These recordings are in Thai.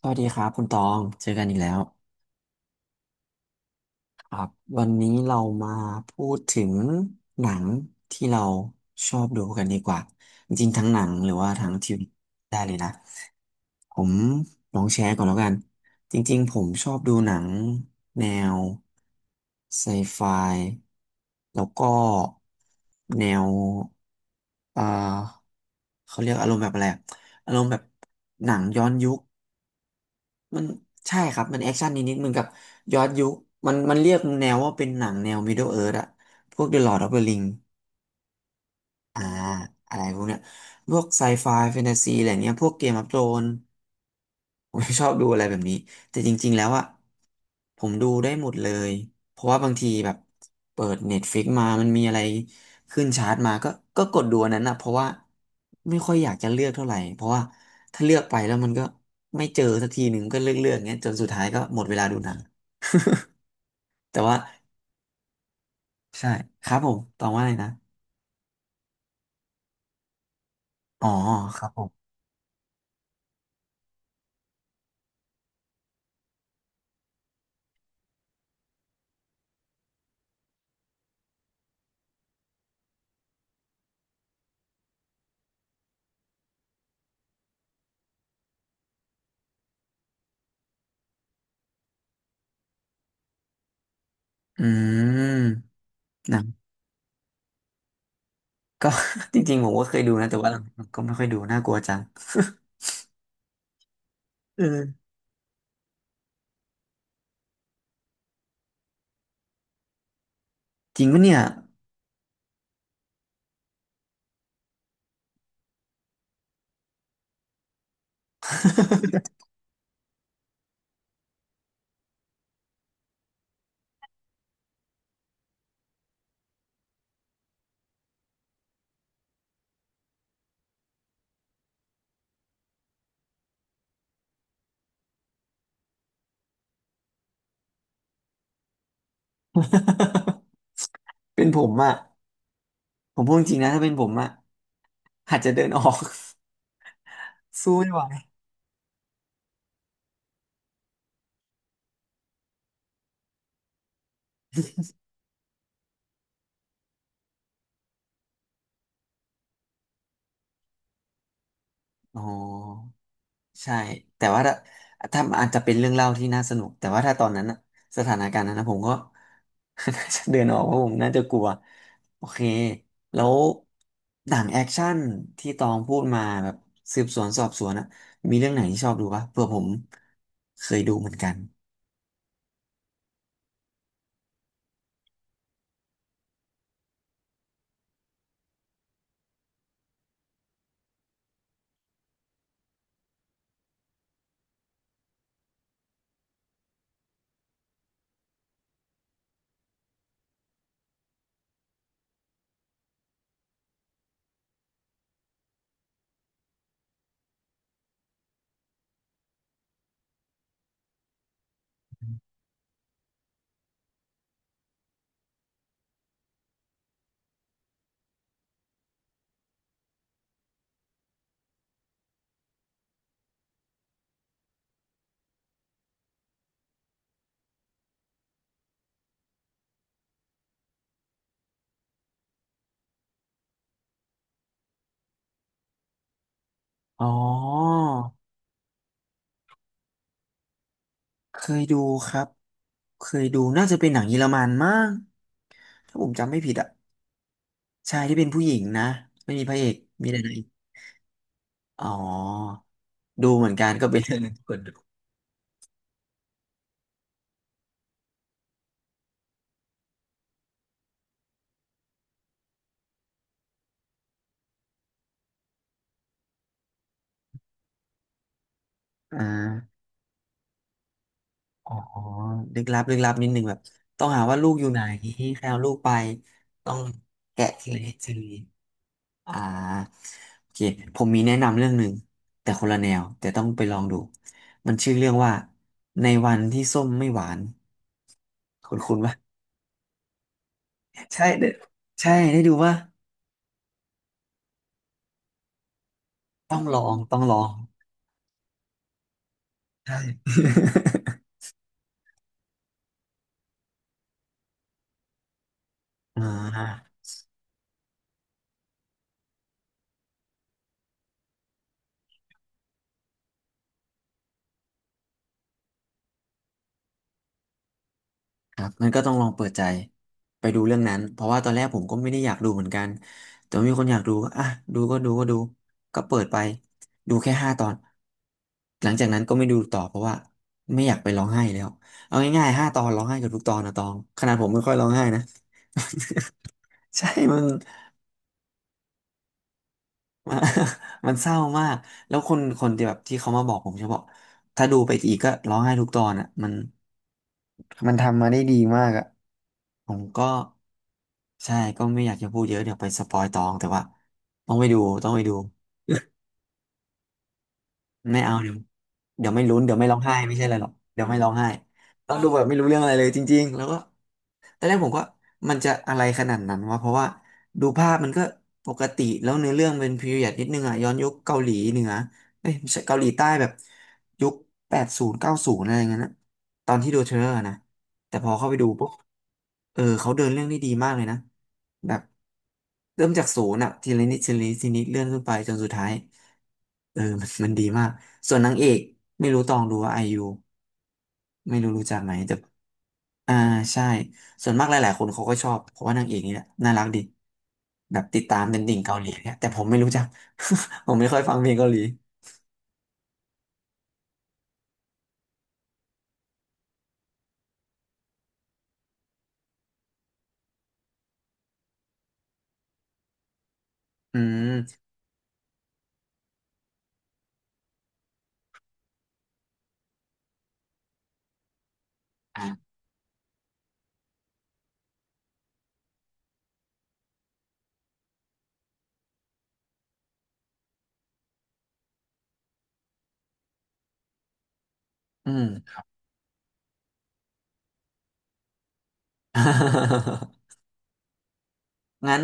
สวัสดีครับคุณตอง เจอกันอีกแล้วครับวันนี้เรามาพูดถึงหนังที่เราชอบดูกันดีกว่า จริงๆทั้งหนังหรือว่าทั้งทีวีได้เลยนะ ผมลองแชร์ก่อนแล้วกัน จริงๆผมชอบดูหนังแนวไซไฟ แล้วก็แนวเอ่อเขาเรียกอารมณ์แบบอะไรอะอารมณ์แบบหนังย้อนยุค มันใช่ครับ มันแอคชั่นนิดๆเหมือนกับย้อนยุคมันเรียกแนวว่าเป็นหนังแนว Middle Earth อะพวก The Lord of the Ring อ่าอะไรพวกเนี้ยพวกไซไฟแฟนตาซีอะไรเนี้ยพวกเกมออฟโธรนผม ไม่ชอบดูอะไรแบบนี้ แต่จริงๆแล้วอะผมดูได้หมดเลย เพราะว่าบางทีแบบเปิด Netflix มามันมีอะไรขึ้นชาร์ตมาก็กดดูอันนั้นนะเพราะว่าไม่ค่อยอยากจะเลือกเท่าไหร่ เพราะว่าถ้าเลือกไปแล้วมันก็ไม่เจอสักทีหนึ่งก็เลือกเงี้ยจนสุดท้ายก็หมดเวลาดูหนัง แต่ว่าใช่ครับผมตองว่าอะไรนะอ๋อครับผมอืม ก็ จริงๆผมก็เคยดูนะแต่ว่าหลังๆก็ไม่ค่อยดูน่ากลัวจัง เออ จริงปะเนี่ย เป็นผมอะผมพูดจริงนะถ้าเป็นผมอะอาจจะเดินออก สู้ไม่ไหวอ๋อ ใช่แต่ว่าถ้าอาจจะเป็นเรื่องเล่าที่น่าสนุก แต่ว่าถ้าตอนนั้นน่ะสถานการณ์นั้นนะผมก็ น่าจะเดินออกเพราะผมน่าจะกลัวโอเคแล้วหนังแอคชั่นที่ตองพูดมาแบบสืบสวนสอบสวนอะมีเรื่องไหนที่ชอบดูปะเผื่อผมเคยดูเหมือนกันอ๋อเคยดูครับเคยดูน่าจะเป็นหนังเยอรมันมั้งถ้าผมจำไม่ผิดอะใชายที่เป็นผู้หญิงนะไม่มีพระเอกมีแต่นางเอก อ๋อดูเหมือนกันก็เป็นเรื่องหนึ่งที่ควรดูอ่าอ๋อลึกลับลึกลับนิดนึงแบบต้องหาว่าลูกอยู่ไหนใครเอาลูกไปต้องแกะทีละนิดทีละนิดอ่าโอเคผมมีแนะนำเรื่องหนึ่งแต่คนละแนวแต่ต้องไปลองดูมันชื่อเรื่องว่าในวันที่ส้มไม่หวาน คุณว่าใช่ได้ใช่ได้ดูว่าต้องลองต้องลองใช่ อ่า ครับมันก็ต้องลองเปิดใจไปดูเรื่องนั้นเพราะว่าตอนแรกผมก็ไม่ได้อยากดูเหมือนกันแต่ว่ามีคนอยากดูก็อ่ะดูก็ดูก็ดูเปิดไปดูแค่ห้าตอนหลังจากนั้นก็ไม่ดูต่อเพราะว่าไม่อยากไปร้องไห้แล้วเอาง่ายๆห้าตอนร้องไห้เกับทุกตอนนะตองขนาดผมไม่ค่อยร้องไห้นะ ใช่มัน มันมันเศร้ามากแล้วคนที่แบบที่เขามาบอกผมจะบอกถ้าดูไปอีกก็ร้องไห้ทุกตอนอ่ะมัน มันทำมาได้ดีมากอ่ะผมก็ใช่ก็ไม่อยากจะพูดเยอะเดี๋ยวไปสปอยตองแต่ว่าต้องไปดูต้องไปดูไม่เอาเดี๋ยวไม่ลุ้นเดี๋ยวไม่ร้องไห้ไม่ใช่อะไรหรอกเดี๋ยวไม่ร้องไห้ต้องดูแบบไม่รู้เรื่องอะไรเลยจริงๆแล้วก็ ตอนแรกผมก็มันจะอะไรขนาดนั้นวะเพราะว่าดูภาพมันก็ปกติแล้วเนื้อเรื่องเป็นพีเรียดนิดนึงอ่ะย้อนยุคเกาหลีเหนือเอ้ยไม่ใช่เกาหลีใต้แบบยุคแปดศูนย์เก้าศูนย์อะไรอย่างเงี้ยนะตอนที่ดูเทรลเลอร์นะแต่พอเข้าไปดูปุ๊บเออเขาเดินเรื่องได้ดีมากเลยนะแบบเริ่มจากศูนย์อ่ะทีละนิดทีละนิดทีละนิดเลื่อนขึ้นไปจนสุดท้าย เออ มันดีมากส่วนนางเอกไม่รู้ตองดูว่าไอยูไม่รู้รู้จักไหมแต่อ่าใช่ส่วนมากหลายๆคนเขาก็ชอบเพราะว่านางเอกนี่แหละน่ารักดีแบบติดตามเป็นติ่งเกาหลีเนี่ยแต่ผมไม่รู้จัก ผมไม่ค่อยฟังเพลงเกาหลีอืมอ่ะอืม งั้น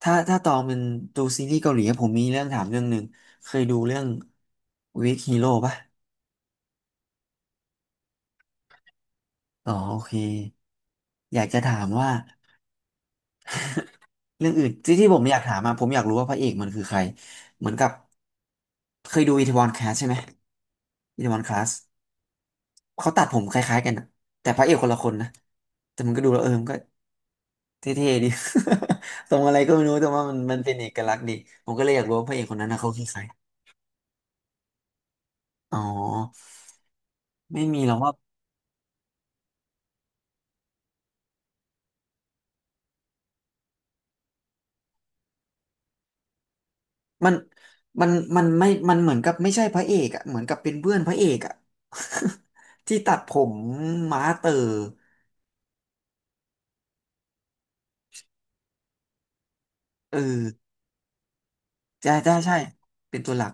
ถ้าตองเป็นดูซีรีส์เกาหลีผมมีเรื่องถามเรื่องหนึ่งเคยดูเรื่อง Weak Hero ป่ะอ๋อโอเคอยากจะถามว่า เรื่องอื่นที่ผมอยากถามมาผมอยากรู้ว่าพระเอกมันคือใครเหมือนกับเคยดูอีทวอนคลาสใช่ไหมอีทวอนคลาสเขาตัดผมคล้ายๆกันนะแต่พระเอกคนละคนนะแต่มันก็ดูแล้วเออมันก็เท่ๆดี ตรงอะไรก็ไม่รู้แต่ว่ามันเป็นเอกลักษณ์ดีผมก็เลยอยากรู้ว่าพระเอกคนนั้นนะเขาคือใครอ๋อไม่มีหรอกว่ามันมันมันเหมือนกับไม่ใช่พระเอกอะเหมือนกับเป็นเพื่อนพระเอกอะ ที่ตัดผมม้าเต๋อเออ ใช่ใช่ใช่เป็นตัวหลัก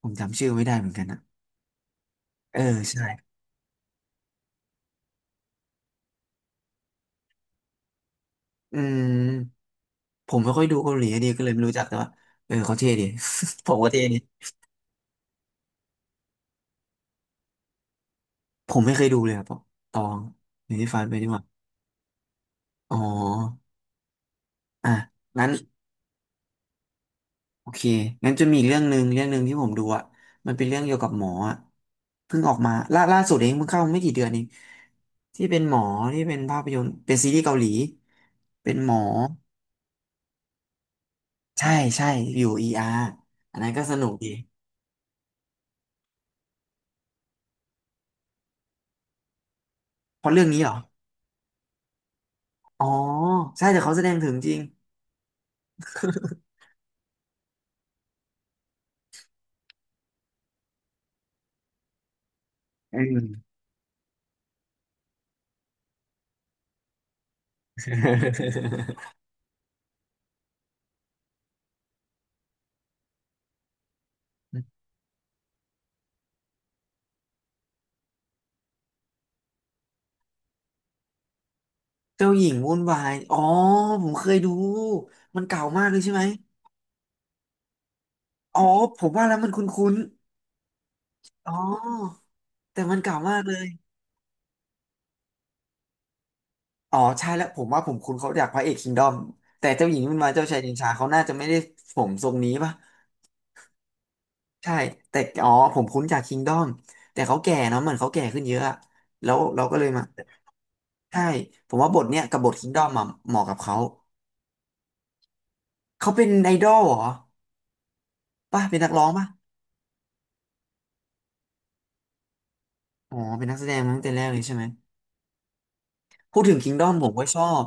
ผมจำชื่อไม่ได้เหมือนกันนะเออ ใช่อืมผมไม่ค่อยดูเกาหลีอะดีก็เลยไม่รู้จักแต่ว่าเออเขาเท่ดี ผมก็เท่ดีผมไม่เคยดูเลยครับวตองหรือที่ฟันไปดีกว่าอ๋ออ่ะงั้นโอเคงั้นจะมีอีกเรื่องหนึ่งที่ผมดูอ่ะมันเป็นเรื่องเกี่ยวกับหมออ่ะเพิ่งออกมาล่าสุดเองเพิ่งเข้าไม่กี่เดือนเองที่เป็นหมอที่เป็นภาพยนตร์เป็นซีรีส์เกาหลีเป็นหมอใช่ใช่อยู่เออาร์อันนั้นก็สนุกดี เพราะเรื่องนี้เหรออ๋อใช่แต่เขาแสดงถึงจริงอืม เจ้าหญิงวุ่นวายอ๋อผมเคยดูมันเก่ามากเลยใช่ไหมอ๋อผมว่าแล้วมันคุ้นๆอ๋อแต่มันเก่ามากเลยอ๋อใช่แล้วผมว่าผมคุ้นเขาจากพระเอกคิงดอมแต่เจ้าหญิงวุ่นวายเจ้าชายชิงช้าเขาน่าจะไม่ได้ผมทรงนี้ป่ะใช่แต่อ๋อผมคุ้นจากคิงดอมแต่เขาแก่เนาะเหมือนเขาแก่ขึ้นเยอะอะแล้วเราก็เลยมาใช่ผมว่าบทเนี้ยกับบทคิงดอมมาเหมาะกับเขา เขาเป็นไอดอลเหรอป่ะเป็นนักร้องป่ะอ๋อเป็นนักแสดงมาตั้งแต่แรกเลยใช่ไหมพูดถึงคิงดอมผมก็ชอบ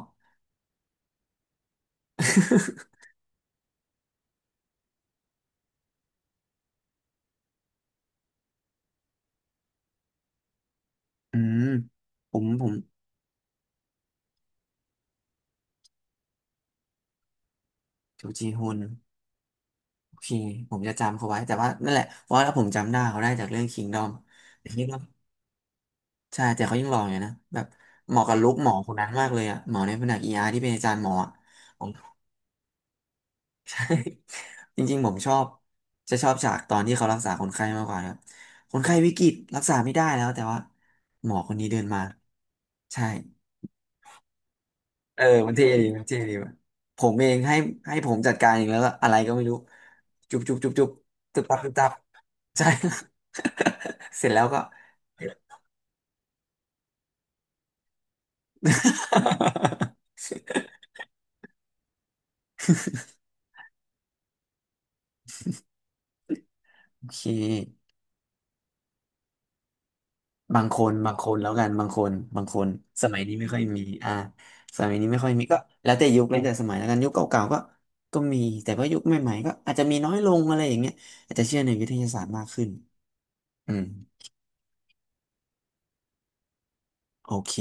อืมผมจูจีฮุนโอเคผมจะจำเขาไว้แต่ว่านั่นแหละเพราะว่าผมจำหน้าเขาได้จากเรื่องคิงดอมแต่คิงดอมใช่แต่เขายังหล่ออยู่นะแบบเหมาะกับลุคหมอคนนั้นมากเลยอะหมอในแผนกเออาร์ที่เป็นอาจารย์หมออะ จริงๆผมชอบจะชอบฉากตอนที่เขารักษาคนไข้มากกว่าครับคนไข้วิกฤตรักษาไม่ได้แล้วแต่ว่าหมอคนนี้เดินมาใช่เออมันเท่ดีมันเท่ดีว่ะผมเองให้ให้ผมจัดการเองแล้วก็อะไรก็ไม่รู้จุบจุบจุบจุบตึบตับตึบตับใช่ เสร็จแล้วก็ โอเค บางคนบางคนแล้วกันบางคนบางคนสมัยนี้ไม่ค่อยมีอ่าสมัยนี้ไม่ค่อยมีก็แล้วแต่ยุคแล้วแต่สมัยแล้วกันยุคเก่าๆก็ก็มีแต่ว่ายุคใหม่ๆก็อาจจะมีน้อยลงอะไรอย่างเงี้ยอาจจะเชื่อในวิทยาศาสตร์มากขึ้นอืมโอเค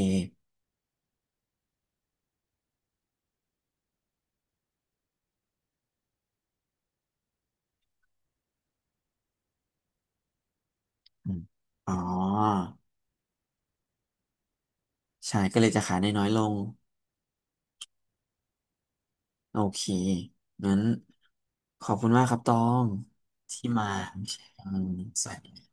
อืมอ๋อใช่ก็เลยจะขายได้น้อยลงโอเคงั้นขอบคุณมากครับตองที่มาแชร์อืมสวัสดี